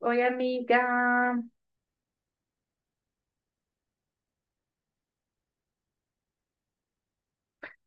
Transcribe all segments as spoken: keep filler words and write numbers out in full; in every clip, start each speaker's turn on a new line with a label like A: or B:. A: Oi, amiga.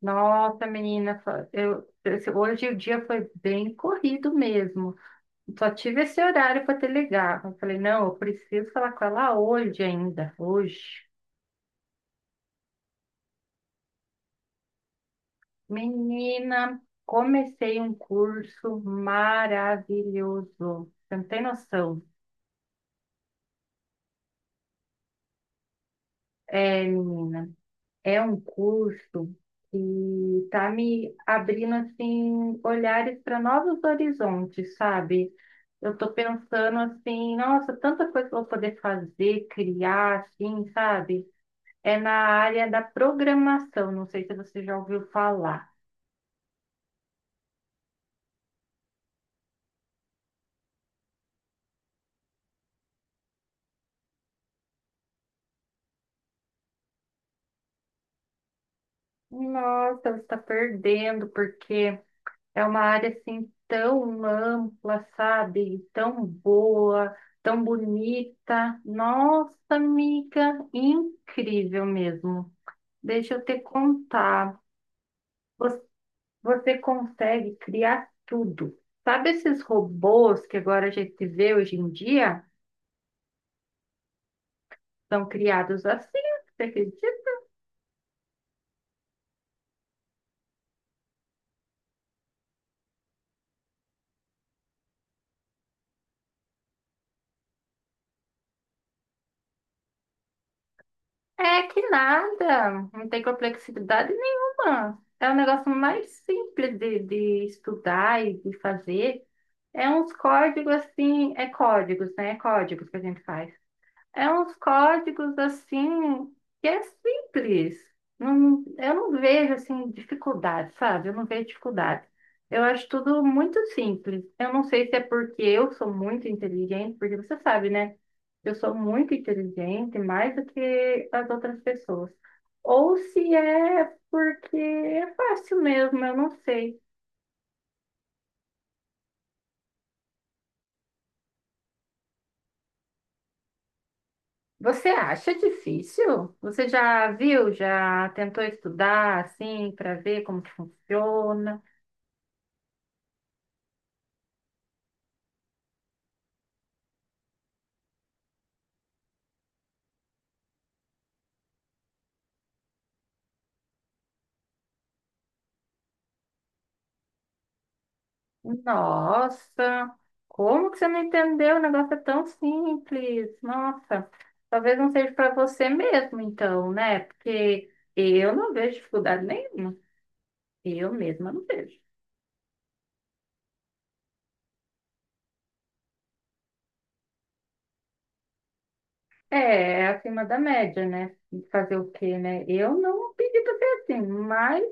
A: Nossa, menina, fa- eu, esse- hoje o dia foi bem corrido mesmo. Só tive esse horário para te ligar. Eu falei, não, eu preciso falar com ela hoje ainda, hoje. Menina, comecei um curso maravilhoso. Você não tem noção. É, menina. É um curso que está me abrindo assim olhares para novos horizontes, sabe? Eu estou pensando assim, nossa, tanta coisa que eu vou poder fazer, criar, assim, sabe? É na área da programação, não sei se você já ouviu falar. Nossa, você está perdendo, porque é uma área assim tão ampla, sabe? Tão boa, tão bonita. Nossa, amiga, incrível mesmo. Deixa eu te contar. Vo- Você consegue criar tudo. Sabe esses robôs que agora a gente vê hoje em dia? São criados assim, você acredita? É que nada, não tem complexidade nenhuma. É um negócio mais simples de, de estudar e de fazer. É uns códigos assim, é códigos, né? É códigos que a gente faz. É uns códigos assim que é simples. Não, eu não vejo assim dificuldade, sabe? Eu não vejo dificuldade. Eu acho tudo muito simples. Eu não sei se é porque eu sou muito inteligente, porque você sabe, né? Eu sou muito inteligente, mais do que as outras pessoas. Ou se é porque é fácil mesmo, eu não sei. Você acha difícil? Você já viu, já tentou estudar assim para ver como que funciona? Nossa, como que você não entendeu? O negócio é tão simples. Nossa, talvez não seja para você mesmo, então, né? Porque eu não vejo dificuldade nenhuma. Eu mesma não vejo. É, é acima da média, né? Fazer o quê, né? Eu não pedi para ser assim, mas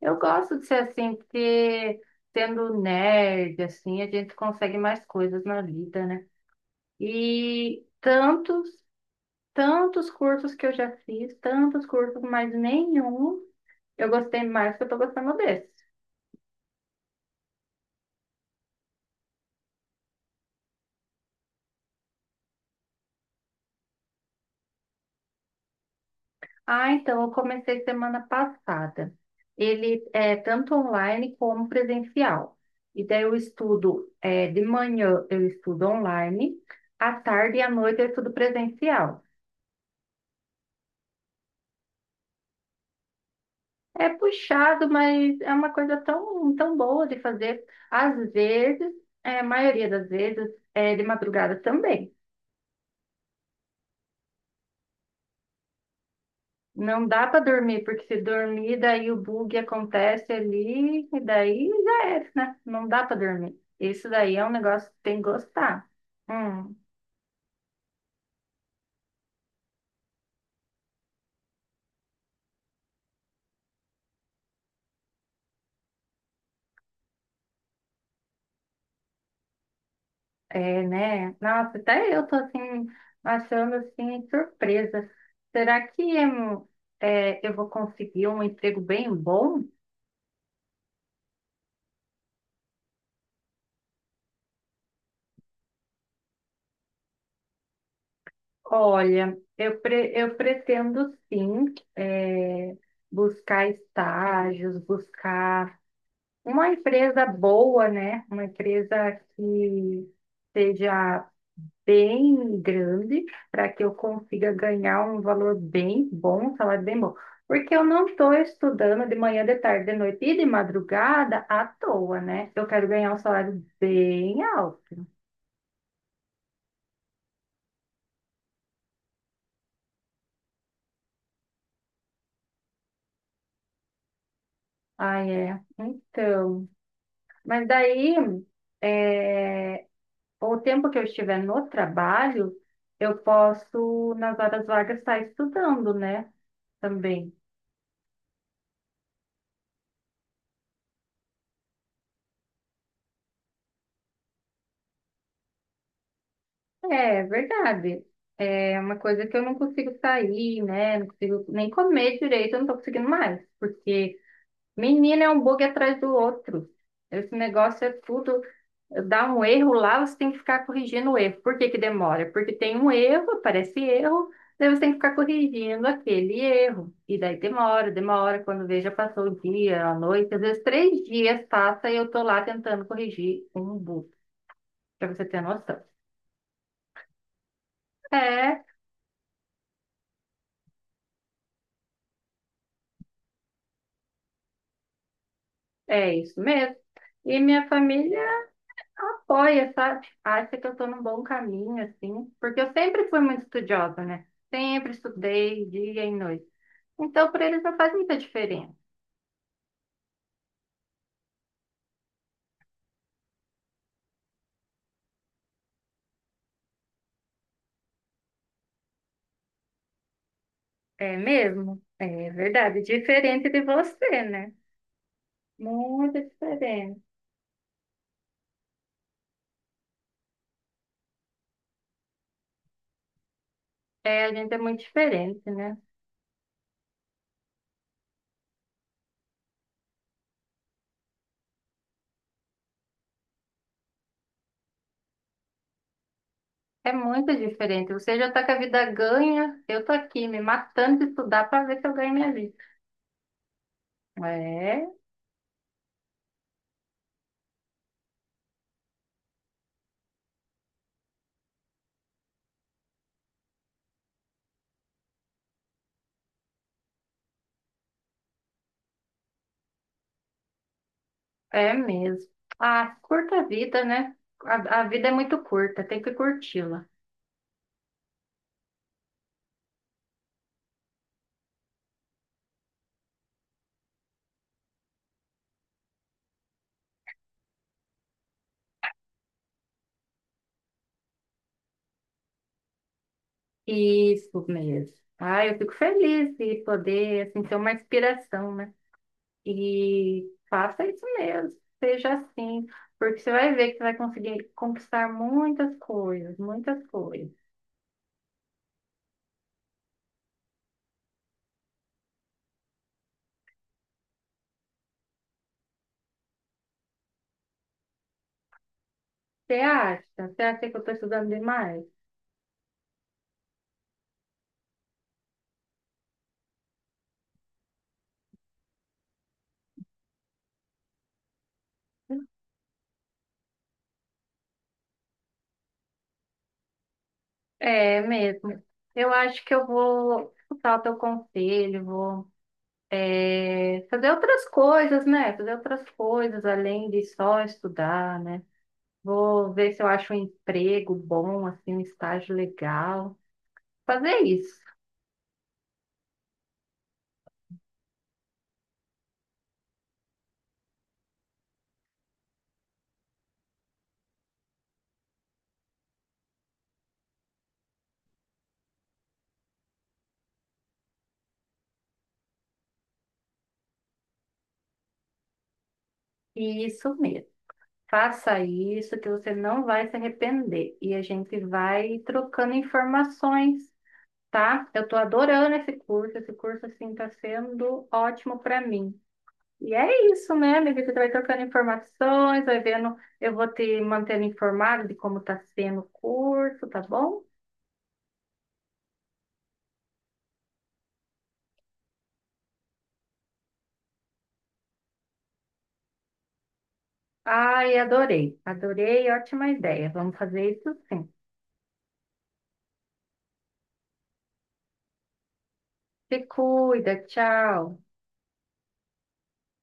A: eu gosto de ser assim, porque sendo nerd, assim, a gente consegue mais coisas na vida, né? E tantos, tantos cursos que eu já fiz, tantos cursos, mas nenhum eu gostei mais que eu tô gostando desse. Ah, então eu comecei semana passada. Ele é tanto online como presencial. E daí eu estudo, é, de manhã eu estudo online, à tarde e à noite eu estudo presencial. É puxado, mas é uma coisa tão, tão boa de fazer. Às vezes, é, a maioria das vezes, é de madrugada também. Não dá para dormir, porque se dormir, daí o bug acontece ali, e daí já é, né? Não dá para dormir. Isso daí é um negócio que tem que gostar. Hum, é, né? Nossa, até eu tô assim, achando assim, surpresa. Será que hum, é, eu vou conseguir um emprego bem bom? Olha, eu, pre- eu pretendo sim, é, buscar estágios, buscar uma empresa boa, né? Uma empresa que seja bem grande, para que eu consiga ganhar um valor bem bom, um salário bem bom. Porque eu não estou estudando de manhã, de tarde, de noite e de madrugada à toa, né? Eu quero ganhar um salário bem alto. Ah, é. Então. Mas daí, é, o tempo que eu estiver no trabalho, eu posso, nas horas vagas, estar estudando, né? Também. É verdade. É uma coisa que eu não consigo sair, né? Não consigo nem comer direito, eu não tô conseguindo mais. Porque, menina, é um bug atrás do outro. Esse negócio é tudo. Dá um erro lá, você tem que ficar corrigindo o erro. Por que que demora? Porque tem um erro, aparece erro, daí você tem que ficar corrigindo aquele erro. E daí demora, demora. Quando veja, passou o dia, a noite, às vezes três dias passa e eu tô lá tentando corrigir um bug, pra você ter noção. É. É isso mesmo. E minha família apoia, sabe? Acha que eu tô num bom caminho, assim, porque eu sempre fui muito estudiosa, né? Sempre estudei dia e noite. Então, para eles não faz muita diferença. É mesmo? É verdade. Diferente de você, né? Muito diferente. É, a gente é muito diferente, né? É muito diferente. Você já tá com a vida ganha, eu tô aqui me matando de estudar para ver se eu ganho minha vida. É. É mesmo. Ah, curta a vida, né? A, a vida é muito curta, tem que curti-la. Isso mesmo. Ah, eu fico feliz de poder, assim, ter uma inspiração, né? E faça isso mesmo, seja assim, porque você vai ver que você vai conseguir conquistar muitas coisas, muitas coisas. Você acha? Você acha que eu estou estudando demais? É mesmo. Eu acho que eu vou escutar o teu conselho, vou é, fazer outras coisas, né? Fazer outras coisas além de só estudar, né? Vou ver se eu acho um emprego bom, assim, um estágio legal. Fazer isso. E isso mesmo. Faça isso que você não vai se arrepender. E a gente vai trocando informações, tá? Eu tô adorando esse curso. Esse curso, assim, tá sendo ótimo para mim. E é isso, né, amiga? Você vai trocando informações, vai vendo. Eu vou te mantendo informado de como está sendo o curso, tá bom? Ai, adorei, adorei, ótima ideia. Vamos fazer isso sim. Se cuida, tchau.